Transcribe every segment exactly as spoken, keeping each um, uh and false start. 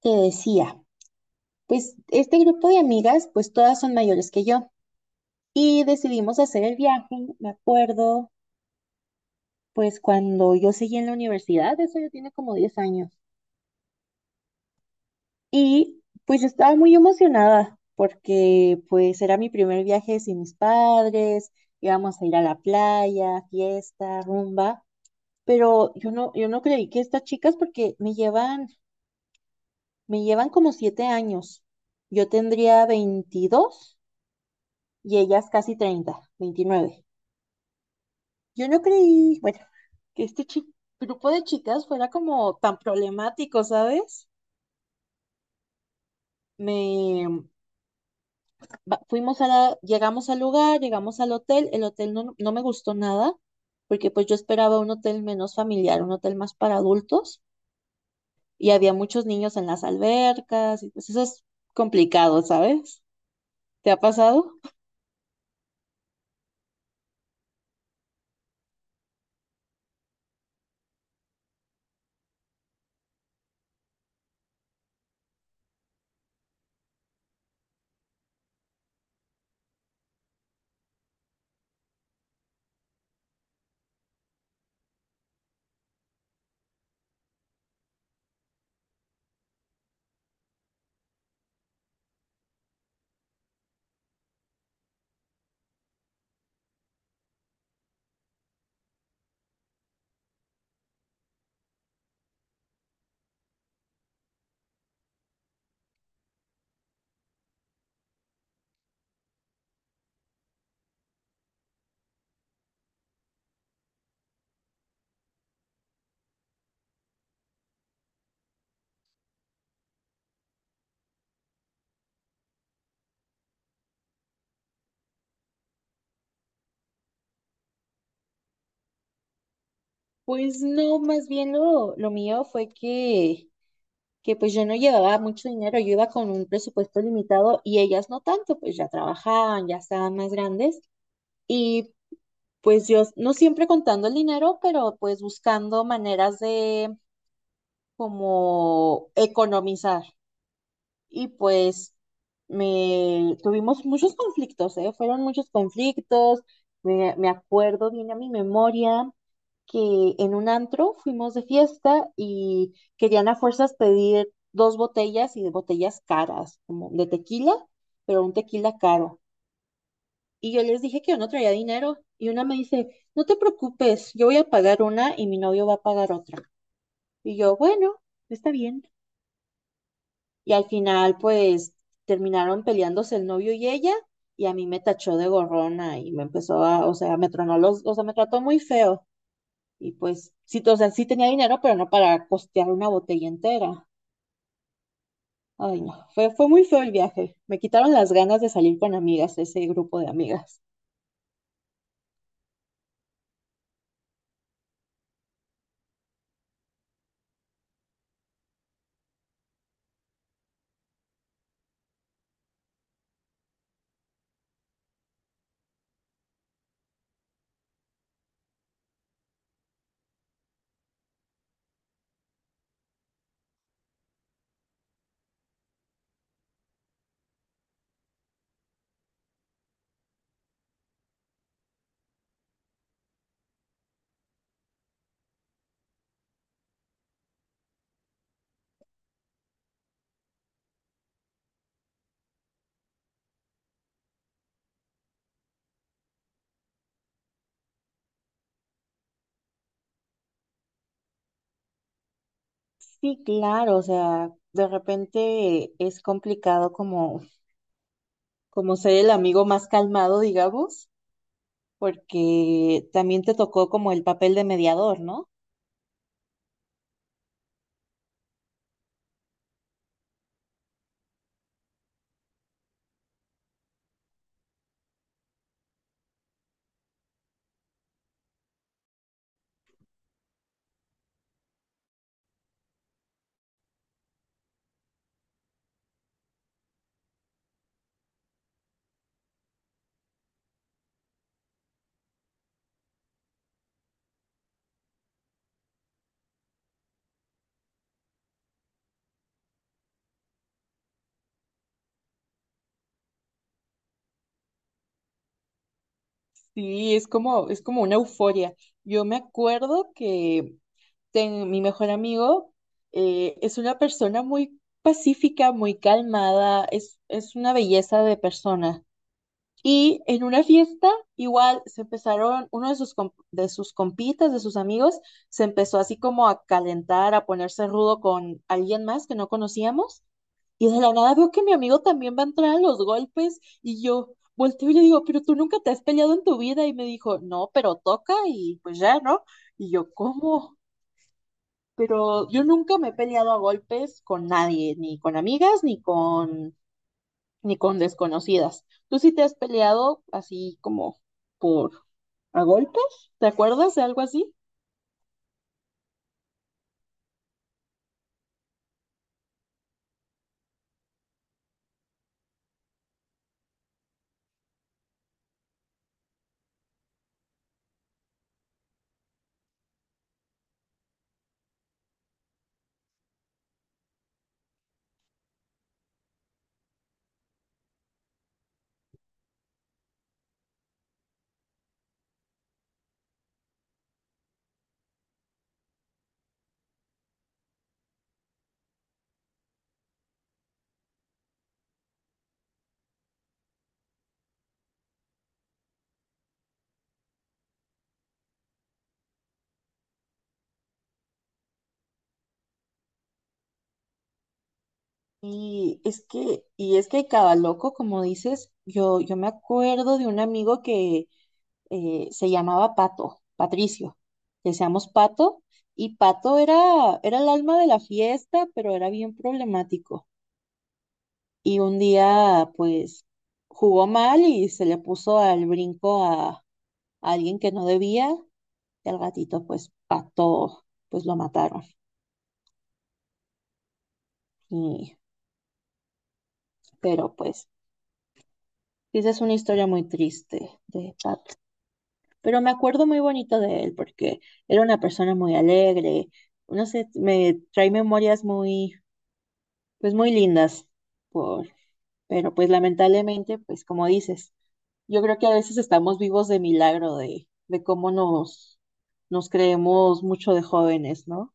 Te decía, pues este grupo de amigas, pues todas son mayores que yo y decidimos hacer el viaje, me acuerdo, pues cuando yo seguía en la universidad. Eso ya tiene como diez años. Y pues yo estaba muy emocionada porque pues era mi primer viaje sin mis padres. Íbamos a ir a la playa, fiesta, rumba, pero yo no, yo no creí que estas chicas, porque me llevan, me llevan como siete años. Yo tendría veintidós y ellas casi treinta, veintinueve. Yo no creí, bueno, que este chi- grupo de chicas fuera como tan problemático, ¿sabes? Me va- fuimos a la, llegamos al lugar, llegamos al hotel. El hotel no, no me gustó nada, porque pues yo esperaba un hotel menos familiar, un hotel más para adultos, y había muchos niños en las albercas, y pues eso es complicado, ¿sabes? ¿Te ha pasado? Pues no, más bien lo, lo mío fue que que pues yo no llevaba mucho dinero, yo iba con un presupuesto limitado y ellas no tanto, pues ya trabajaban, ya estaban más grandes. Y pues yo no, siempre contando el dinero, pero pues buscando maneras de como economizar. Y pues me tuvimos muchos conflictos, ¿eh? Fueron muchos conflictos. Me, me acuerdo, viene a mi memoria que en un antro fuimos de fiesta y querían a fuerzas pedir dos botellas, y de botellas caras, como de tequila, pero un tequila caro. Y yo les dije que yo no traía dinero, y una me dice, no te preocupes, yo voy a pagar una y mi novio va a pagar otra. Y yo, bueno, está bien. Y al final, pues, terminaron peleándose el novio y ella, y a mí me tachó de gorrona y me empezó a, o sea, me tronó los, o sea, me trató muy feo. Y pues, sí, o sea, sí tenía dinero, pero no para costear una botella entera. Ay, no, fue, fue muy feo el viaje. Me quitaron las ganas de salir con amigas, ese grupo de amigas. Sí, claro, o sea, de repente es complicado, como, como ser el amigo más calmado, digamos, porque también te tocó como el papel de mediador, ¿no? Sí, es como, es como una euforia. Yo me acuerdo que ten- mi mejor amigo, eh, es una persona muy pacífica, muy calmada, es, es una belleza de persona. Y en una fiesta, igual se empezaron, uno de sus, com- de sus compitas, de sus amigos, se empezó así como a calentar, a ponerse rudo con alguien más que no conocíamos. Y de la nada veo que mi amigo también va a entrar a los golpes, y yo volteo y le digo, pero tú nunca te has peleado en tu vida. Y me dijo, no, pero toca y pues ya, ¿no? Y yo, ¿cómo? Pero yo nunca me he peleado a golpes con nadie, ni con amigas, ni con, ni con desconocidas. ¿Tú sí te has peleado así como por a golpes? ¿Te acuerdas de algo así? Y es que, y es que cada loco, como dices, yo, yo me acuerdo de un amigo que, eh, se llamaba Pato, Patricio. Decíamos Pato, y Pato era, era el alma de la fiesta, pero era bien problemático. Y un día, pues, jugó mal y se le puso al brinco a, a alguien que no debía. Y al gatito, pues, Pato, pues lo mataron. Y, pero, pues, sí, esa es una historia muy triste de Pato. Pero me acuerdo muy bonito de él porque era una persona muy alegre. No sé, me trae memorias muy, pues muy lindas, por, pero pues lamentablemente, pues como dices, yo creo que a veces estamos vivos de milagro de, de cómo nos, nos creemos mucho de jóvenes, ¿no?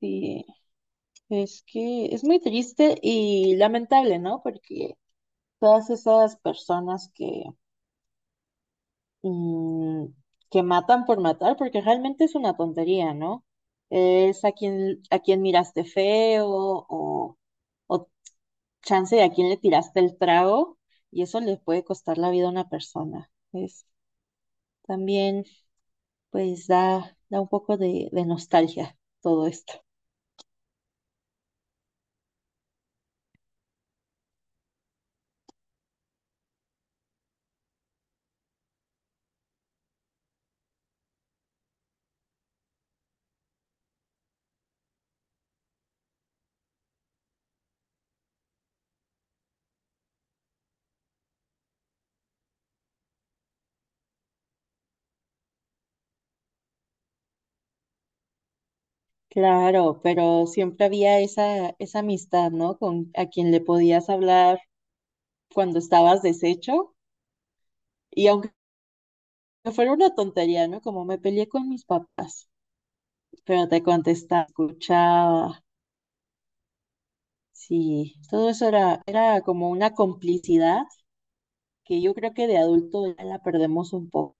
Y es que es muy triste y lamentable, ¿no? Porque todas esas personas que, mm, que matan por matar, porque realmente es una tontería, ¿no? Es a quien, a quien miraste feo, o o chance de a quién le tiraste el trago, y eso le puede costar la vida a una persona. Es también, pues da, da un poco de, de nostalgia todo esto. Claro, pero siempre había esa, esa amistad, ¿no? Con a quien le podías hablar cuando estabas deshecho, y aunque fuera una tontería, ¿no? Como me peleé con mis papás, pero te contestaba, escuchaba. Sí, todo eso era, era como una complicidad que yo creo que de adulto ya la perdemos un poco.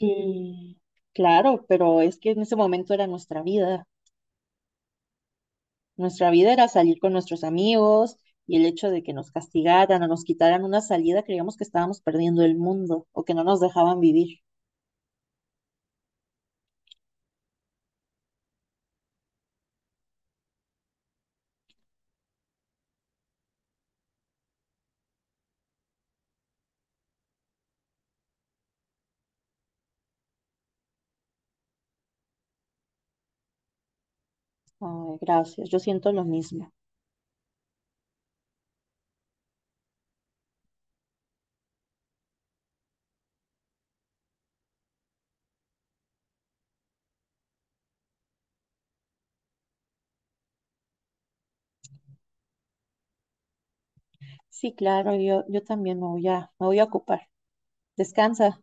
Mm, claro, pero es que en ese momento era nuestra vida. Nuestra vida era salir con nuestros amigos, y el hecho de que nos castigaran o nos quitaran una salida, creíamos que estábamos perdiendo el mundo o que no nos dejaban vivir. Ay, gracias, yo siento lo mismo. Sí, claro, yo, yo también me voy a, me voy a ocupar. Descansa.